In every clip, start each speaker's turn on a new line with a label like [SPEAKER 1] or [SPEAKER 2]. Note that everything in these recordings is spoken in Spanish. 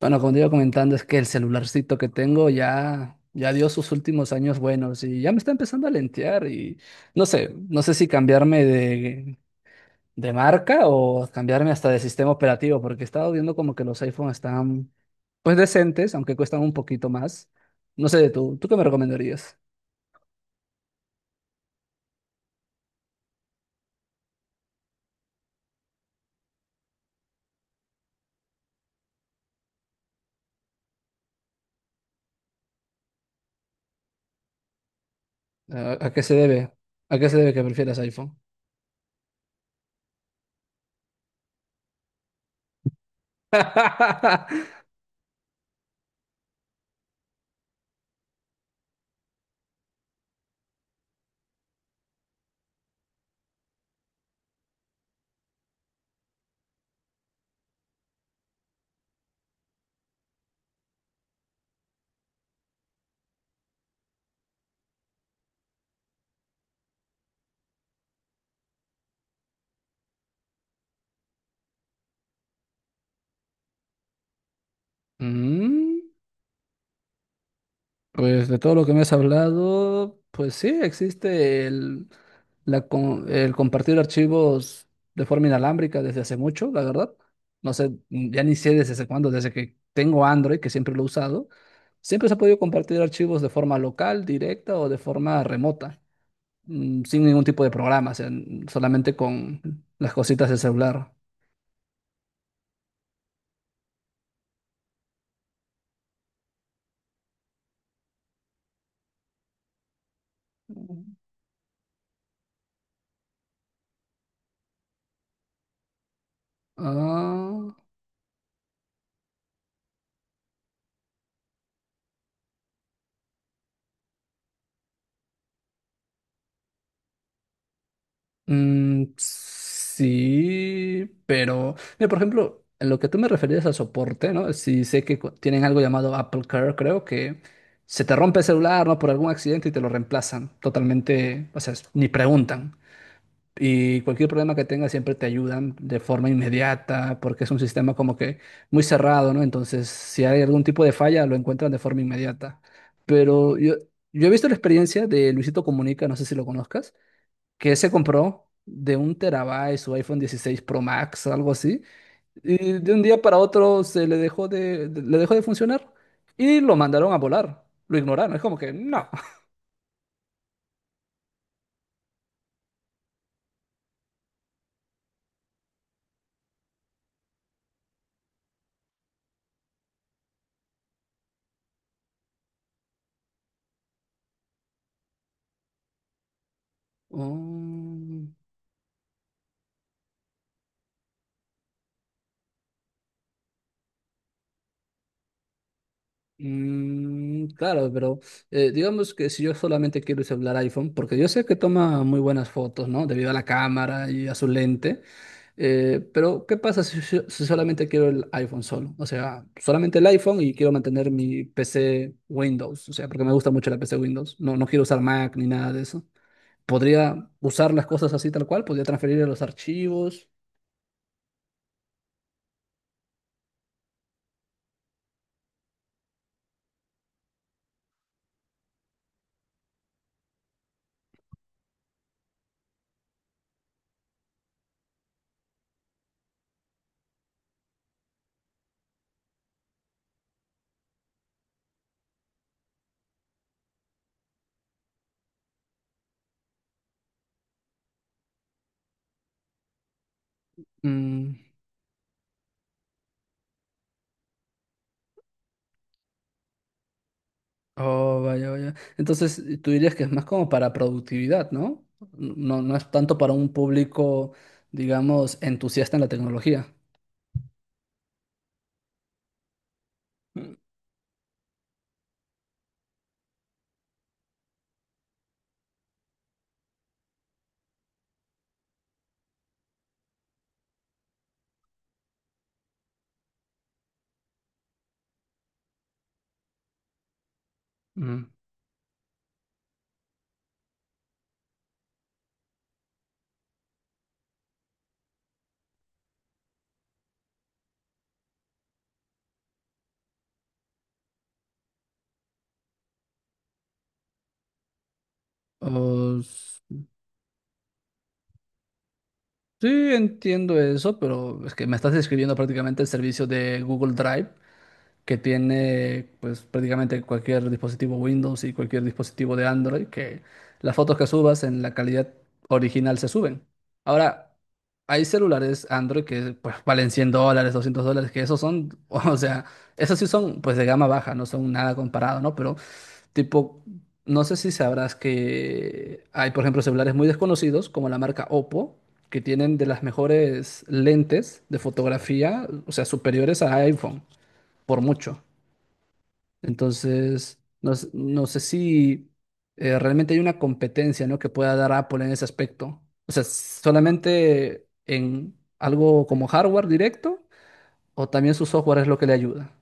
[SPEAKER 1] Bueno, como te iba comentando, es que el celularcito que tengo ya, ya dio sus últimos años buenos y ya me está empezando a lentear y no sé, no sé si cambiarme de marca o cambiarme hasta de sistema operativo, porque he estado viendo como que los iPhones están pues decentes, aunque cuestan un poquito más. No sé, tú, ¿tú qué me recomendarías? ¿A qué se debe? ¿A qué se debe que prefieras iPhone? Mm. Pues de todo lo que me has hablado, pues sí, existe el compartir archivos de forma inalámbrica desde hace mucho, la verdad. No sé, ya ni sé desde hace cuándo, desde que tengo Android, que siempre lo he usado, siempre se ha podido compartir archivos de forma local, directa o de forma remota, sin ningún tipo de programa, o sea, solamente con las cositas del celular. Ah, Mm, sí, pero, mira, por ejemplo, en lo que tú me referías a soporte, ¿no? Si sé que tienen algo llamado Apple Care, creo que se te rompe el celular, ¿no? Por algún accidente y te lo reemplazan totalmente, o sea, ni preguntan. Y cualquier problema que tengas siempre te ayudan de forma inmediata, porque es un sistema como que muy cerrado, ¿no? Entonces, si hay algún tipo de falla, lo encuentran de forma inmediata. Pero yo he visto la experiencia de Luisito Comunica, no sé si lo conozcas que se compró de un terabyte su iPhone 16 Pro Max, algo así, y de un día para otro se le dejó le dejó de funcionar y lo mandaron a volar. Lo ignoraron, es como que no. Oh, mm, claro, pero digamos que si yo solamente quiero usar iPhone, porque yo sé que toma muy buenas fotos, ¿no? Debido a la cámara y a su lente. Pero, ¿qué pasa si solamente quiero el iPhone solo? O sea, solamente el iPhone y quiero mantener mi PC Windows. O sea, porque me gusta mucho la PC Windows. No, no quiero usar Mac ni nada de eso. Podría usar las cosas así tal cual, podría transferir los archivos. Mm. Oh, vaya, vaya. Entonces, tú dirías que es más como para productividad, ¿no? No, no es tanto para un público, digamos, entusiasta en la tecnología. Mm, mm. Oh, sí, entiendo eso, pero es que me estás describiendo prácticamente el servicio de Google Drive que tiene pues prácticamente cualquier dispositivo Windows y cualquier dispositivo de Android, que las fotos que subas en la calidad original se suben. Ahora, hay celulares Android que pues valen 100 dólares, 200 dólares, que esos son, o sea, esos sí son pues de gama baja, no son nada comparado, ¿no? Pero tipo, no sé si sabrás que hay, por ejemplo, celulares muy desconocidos, como la marca Oppo, que tienen de las mejores lentes de fotografía, o sea, superiores a iPhone, por mucho. Entonces, no, no sé si realmente hay una competencia, ¿no? que pueda dar Apple en ese aspecto. O sea, solamente en algo como hardware directo, o también su software es lo que le ayuda.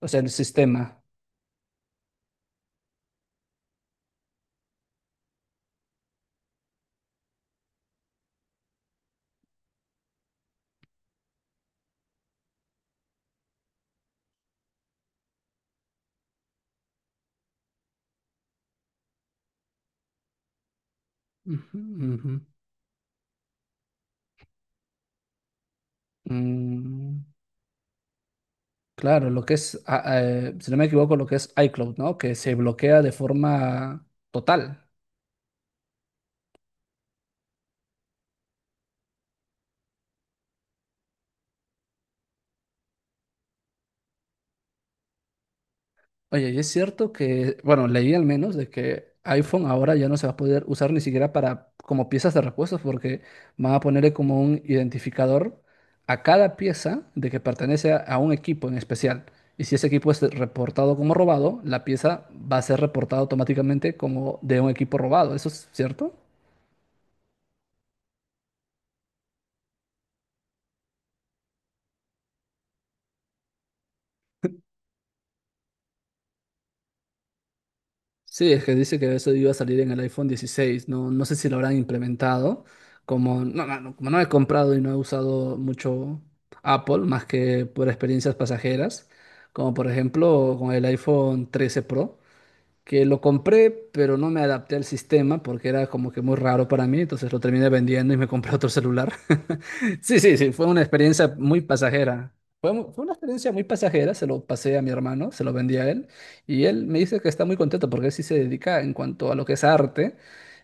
[SPEAKER 1] O sea, el sistema. Ujú, ujú. Mm. Claro, lo que es, si no me equivoco, lo que es iCloud, ¿no? Que se bloquea de forma total. Oye, y es cierto que, bueno, leí al menos de que iPhone ahora ya no se va a poder usar ni siquiera para como piezas de repuestos porque van a ponerle como un identificador a cada pieza de que pertenece a un equipo en especial. Y si ese equipo es reportado como robado, la pieza va a ser reportada automáticamente como de un equipo robado. ¿Eso es cierto? Sí, es que dice que eso iba a salir en el iPhone 16. No, no sé si lo habrán implementado. Como no he comprado y no he usado mucho Apple, más que por experiencias pasajeras, como por ejemplo con el iPhone 13 Pro que lo compré, pero no me adapté al sistema porque era como que muy raro para mí, entonces lo terminé vendiendo y me compré otro celular. Sí, sí, sí, fue una experiencia muy pasajera. Fue, fue una experiencia muy pasajera, se lo pasé a mi hermano, se lo vendí a él y él me dice que está muy contento porque él sí se dedica en cuanto a lo que es arte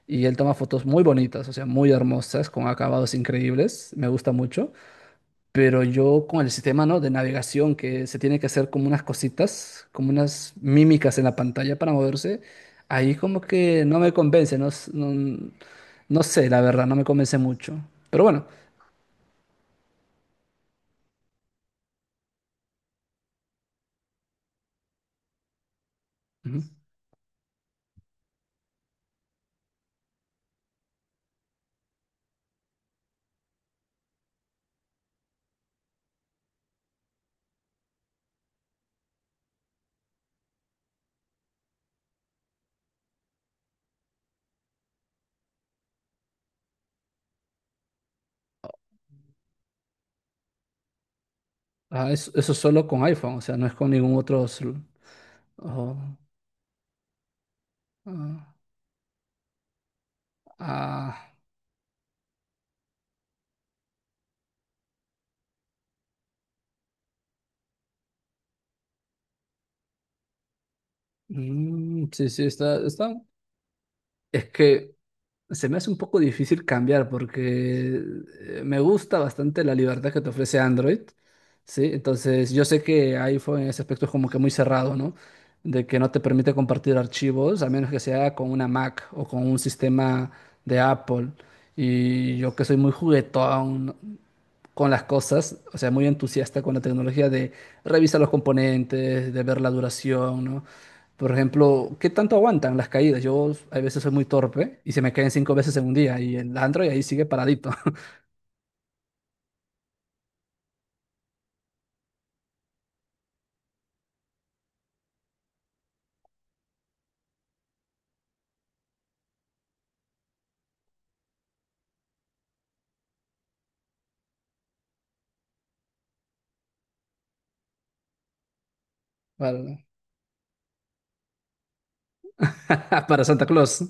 [SPEAKER 1] y él toma fotos muy bonitas, o sea, muy hermosas, con acabados increíbles, me gusta mucho. Pero yo con el sistema, ¿no? de navegación que se tiene que hacer como unas cositas, como unas mímicas en la pantalla para moverse, ahí como que no me convence, no, no, no sé, la verdad, no me convence mucho. Pero bueno, ujú. Ah, eso solo con iPhone, o sea, no es con ningún otro... Ojo. Ah, ah, mm, sí, sí, está, está. Es que se me hace un poco difícil cambiar porque me gusta bastante la libertad que te ofrece Android, ¿sí? Entonces, yo sé que iPhone en ese aspecto es como que muy cerrado, ¿no? De que no te permite compartir archivos a menos que sea con una Mac o con un sistema de Apple. Y yo que soy muy juguetón, ¿no? con las cosas, o sea, muy entusiasta con la tecnología de revisar los componentes, de ver la duración, ¿no? Por ejemplo, ¿qué tanto aguantan las caídas? Yo a veces soy muy torpe y se me caen cinco veces en un día y el Android ahí sigue paradito. para, para Santa Claus.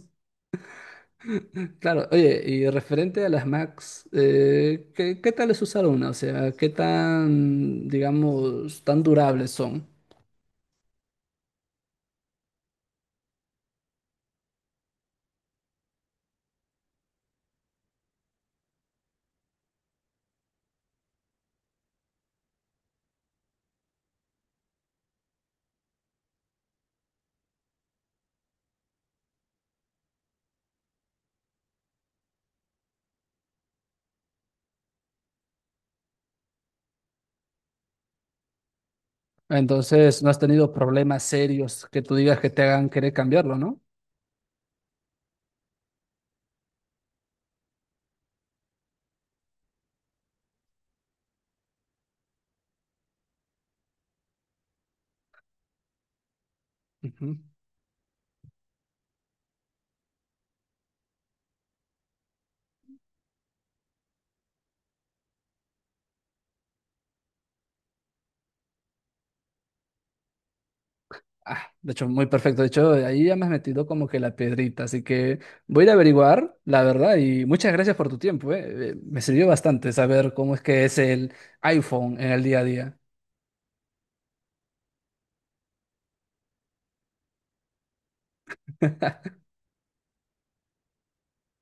[SPEAKER 1] Claro, oye, y referente a las Macs, ¿qué tal es usar una? O sea, ¿qué tan, digamos, tan durables son? Entonces, no has tenido problemas serios que tú digas que te hagan querer cambiarlo, ¿no? Ujú. Ah, de hecho, muy perfecto. De hecho, ahí ya me has metido como que la piedrita, así que voy a ir a averiguar, la verdad, y muchas gracias por tu tiempo, ¿eh? Me sirvió bastante saber cómo es que es el iPhone en el día a día.